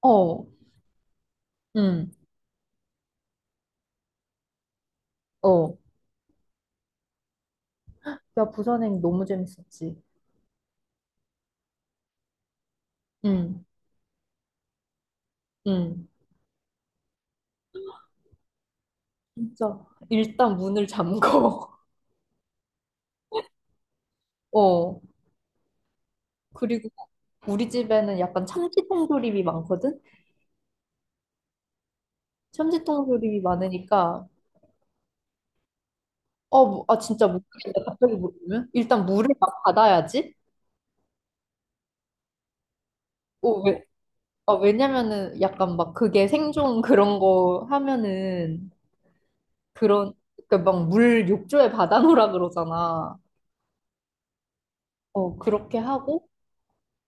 어, 응, 어. 야, 부산행 너무 재밌었지. 응, 응. 진짜. 일단 문을 잠궈. 어. 그리고 우리 집에는 약간 참치통 조림이 많거든? 참치통 조림이 많으니까, 어, 뭐, 아, 진짜 모르겠다. 갑자기 모르면? 일단 물을 막 받아야지? 어, 왜, 아, 왜냐면은 약간 막 그게 생존 그런 거 하면은 그런, 그러니까 막 물 욕조에 받아놓으라 그러잖아. 어, 그렇게 하고,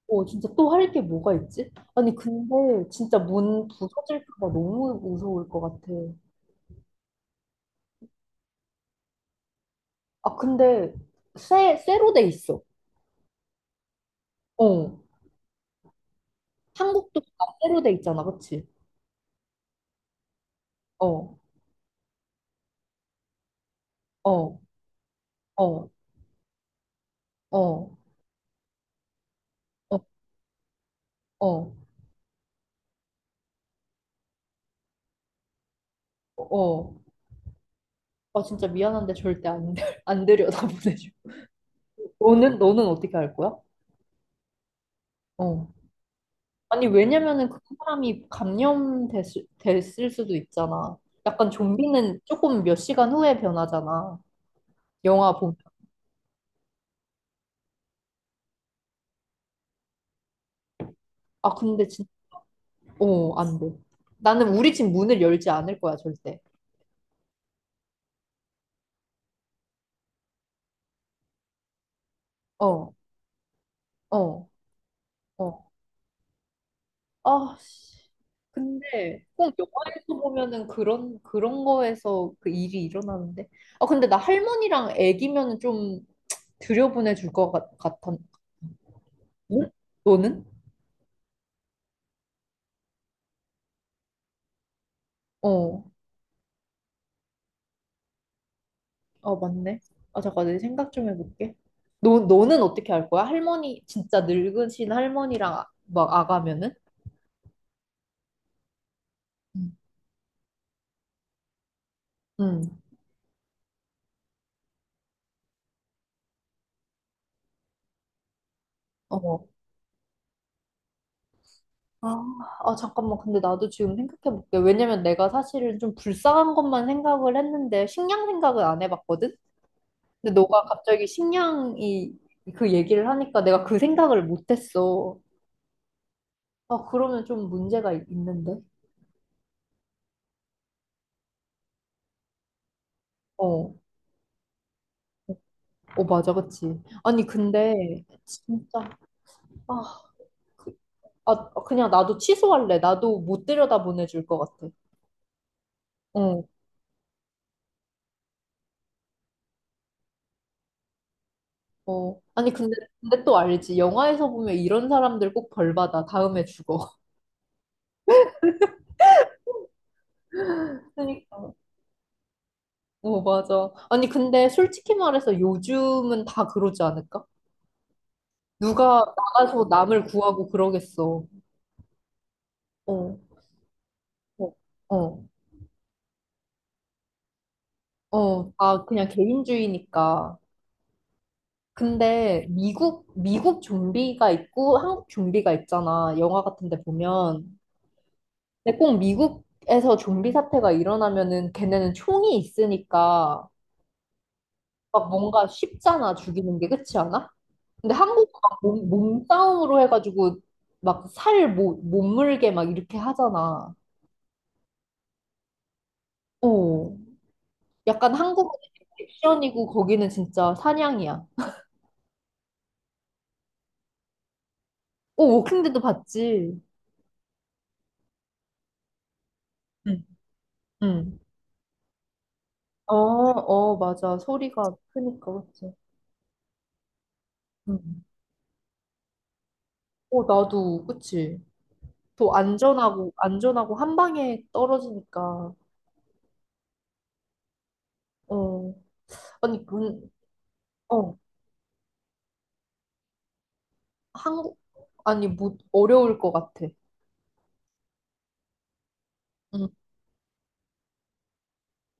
어, 진짜 또 할 게 뭐가 있지? 아니, 근데 진짜 문 부서질까 봐 너무 무서울 것 같아. 아, 근데 쇠로 돼 있어. 어. 한국도 다 쇠로 돼 있잖아, 그치? 어, 어, 어, 어, 어, 어, 어. 아, 진짜 미안한데 절대 안, 안 들여다 보내줘. 너는 어떻게 할 거야? 어. 아니, 왜냐면은 그 사람이 감염됐을 됐을 수도 있잖아. 약간 좀비는 조금 몇 시간 후에 변하잖아. 영화 보면. 아, 근데 진, 어, 안 돼. 나는 우리 집 문을 열지 않을 거야, 절대. 어, 어, 어. 아, 씨. 근데 꼭 영화에서 보면은 그런 거에서 그 일이 일어나는데. 아, 근데 나 할머니랑 애기면은 좀 들여보내 줄 것 같아. 응? 너는? 어, 어, 맞네. 아, 잠깐, 내 생각 좀 해볼게. 너는 어떻게 할 거야? 할머니, 진짜 늙으신 할머니랑 막 아가면은? 응, 응. 어. 아, 아, 잠깐만. 근데 나도 지금 생각해볼게. 왜냐면 내가 사실은 좀 불쌍한 것만 생각을 했는데, 식량 생각을 안 해봤거든? 근데 너가 갑자기 식량이 그 얘기를 하니까 내가 그 생각을 못했어. 아, 그러면 좀 문제가 있는데? 어, 어, 맞아, 그치. 아니, 근데, 진짜, 아, 그, 아, 어, 그냥 나도 취소할래. 나도 못 들여다 보내줄 것 같아. 어, 어. 아니, 근데 또 알지. 영화에서 보면 이런 사람들 꼭 벌 받아. 다음에 죽어. 그러니까. 어, 맞아. 아니, 근데 솔직히 말해서 요즘은 다 그러지 않을까? 누가 나가서 남을 구하고 그러겠어. 어, 어, 어, 어. 아, 그냥 개인주의니까. 근데 미국 좀비가 있고 한국 좀비가 있잖아. 영화 같은 데 보면. 근데 꼭 미국에서 좀비 사태가 일어나면은 걔네는 총이 있으니까 막 뭔가 쉽잖아, 죽이는 게. 그렇지 않아? 근데 한국은 막 몸싸움으로 해가지고 막 살 못 물게 막 이렇게 하잖아. 어. 약간 한국은 액션이고 거기는 진짜 사냥이야. 어, 워킹데드 봤지? 응. 응. 어, 어, 맞아. 소리가 크니까, 그치? 응. 어, 나도, 그치? 더 안전하고 한 방에 떨어지니까. 어. 아니, 문, 어, 한국, 아니, 못, 어려울 것 같아.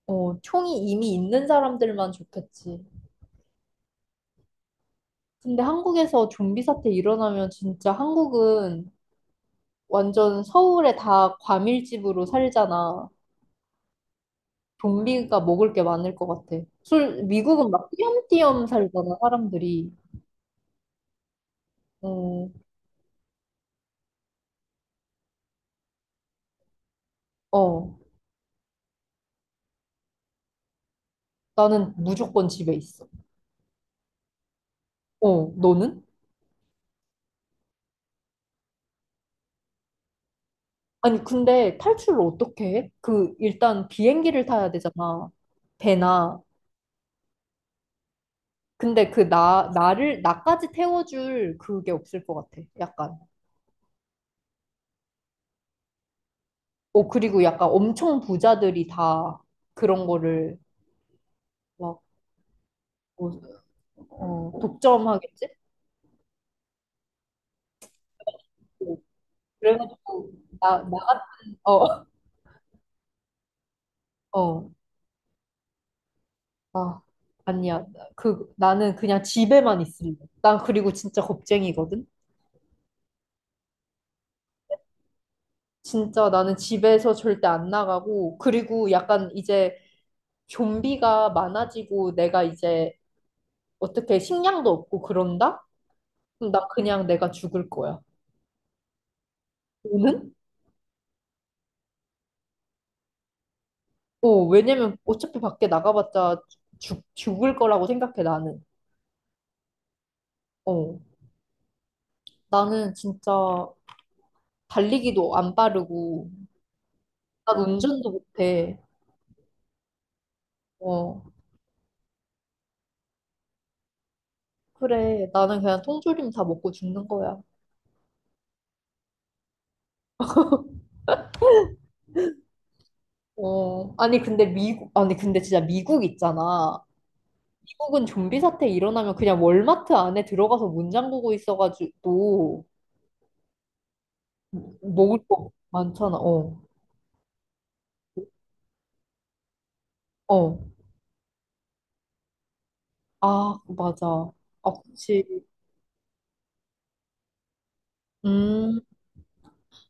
어, 총이 이미 있는 사람들만 좋겠지. 근데 한국에서 좀비 사태 일어나면 진짜 한국은 완전 서울에 다 과밀집으로 살잖아. 좀비가 먹을 게 많을 것 같아. 술, 미국은 막 띄엄띄엄 살잖아, 사람들이. 어, 어, 나는 무조건 집에 있어. 어, 너는? 아니, 근데 탈출을 어떻게 해? 그, 일단 비행기를 타야 되잖아. 배나. 근데 그 나까지 태워줄 그게 없을 것 같아. 약간. 어, 그리고 약간 엄청 부자들이 다 그런 거를 막, 뭐, 어, 어, 독점하겠지? 어, 그래가지고, 나, 나, 어, 어, 아, 아니야. 나는 그냥 집에만 있을래. 난 그리고 진짜 겁쟁이거든? 진짜 나는 집에서 절대 안 나가고, 그리고 약간 이제 좀비가 많아지고 내가 이제 어떻게 식량도 없고 그런다? 그럼 나 그냥 내가 죽을 거야. 너는? 어, 왜냐면 어차피 밖에 나가봤자 죽을 거라고 생각해, 나는. 어, 나는 진짜 달리기도 안 빠르고, 난 운전도 못해. 어, 그래. 나는 그냥 통조림 다 먹고 죽는 거야. 어, 아니, 근데 미국, 아니, 근데 진짜 미국 있잖아. 미국은 좀비 사태 일어나면 그냥 월마트 안에 들어가서 문 잠그고 있어가지고, 먹을 거 많잖아. 어, 어. 아, 맞아. 아, 그치. 음.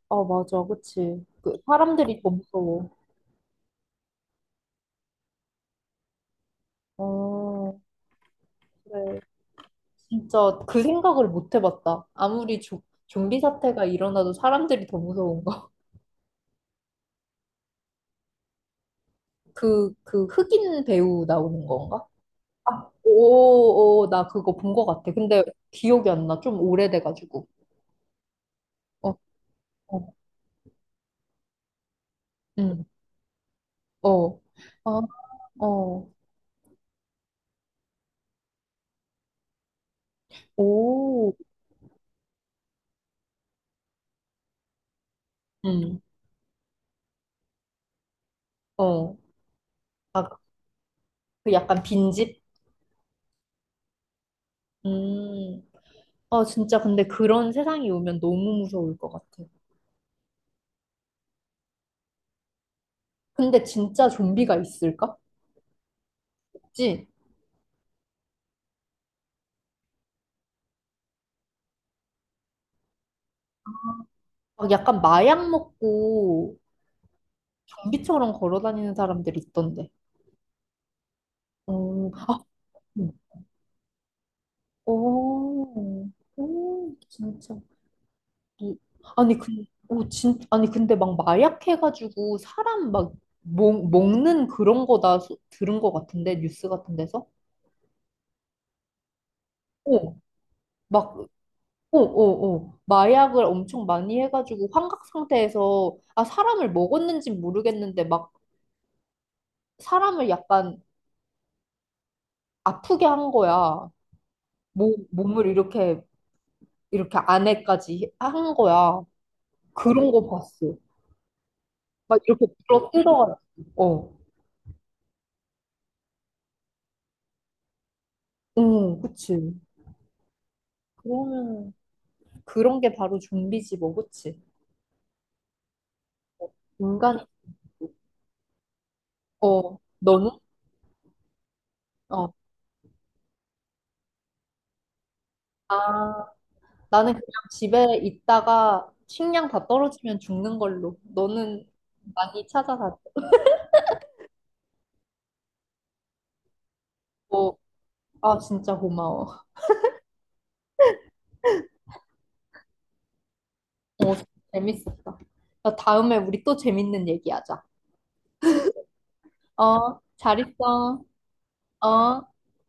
어, 맞아. 그치. 그, 사람들이 더 무서워. 어, 그래. 진짜 그 생각을 못 해봤다. 아무리 조, 좀비 사태가 일어나도 사람들이 더 무서운 거. 그, 그 흑인 배우 나오는 건가? 아, 오, 오, 나 그거 본 거 같아. 근데 기억이 안 나. 좀 오래돼가지고. 어, 어, 응, 어. 아, 어, 오, 응, 어. 아, 그 약간 빈집? 음. 아, 진짜 근데 그런 세상이 오면 너무 무서울 것 같아. 근데 진짜 좀비가 있을까? 그지막 약간 마약 먹고 좀비처럼 걸어 다니는 사람들 있던데. 어, 아, 음. 어, 오, 오, 진짜. 이- 아니, 근, 오, 진, 아니, 근데 막 마약해가지고 사람 막 먹는 그런 거다 들은 거 같은데, 뉴스 같은 데서? 오, 막, 오 오 오 마약을 엄청 많이 해가지고 환각 상태에서, 아, 사람을 먹었는지 모르겠는데, 막 사람을 약간 아프게 한 거야. 몸을 이렇게, 이렇게 안에까지 한 거야. 그런 거 봤어. 막 이렇게 불어 뜯어가지고. 어. 응, 그치. 그러면, 그런 게 바로 좀비지 뭐, 그치? 인간, 어, 너는? 어. 아, 나는 그냥 집에 있다가 식량 다 떨어지면 죽는 걸로. 너는 많이 찾아다니고, 아, 진짜 고마워. 어, 재밌었다. 나 다음에 우리 또 재밌는 얘기하자. 어, 잘 있어. 어?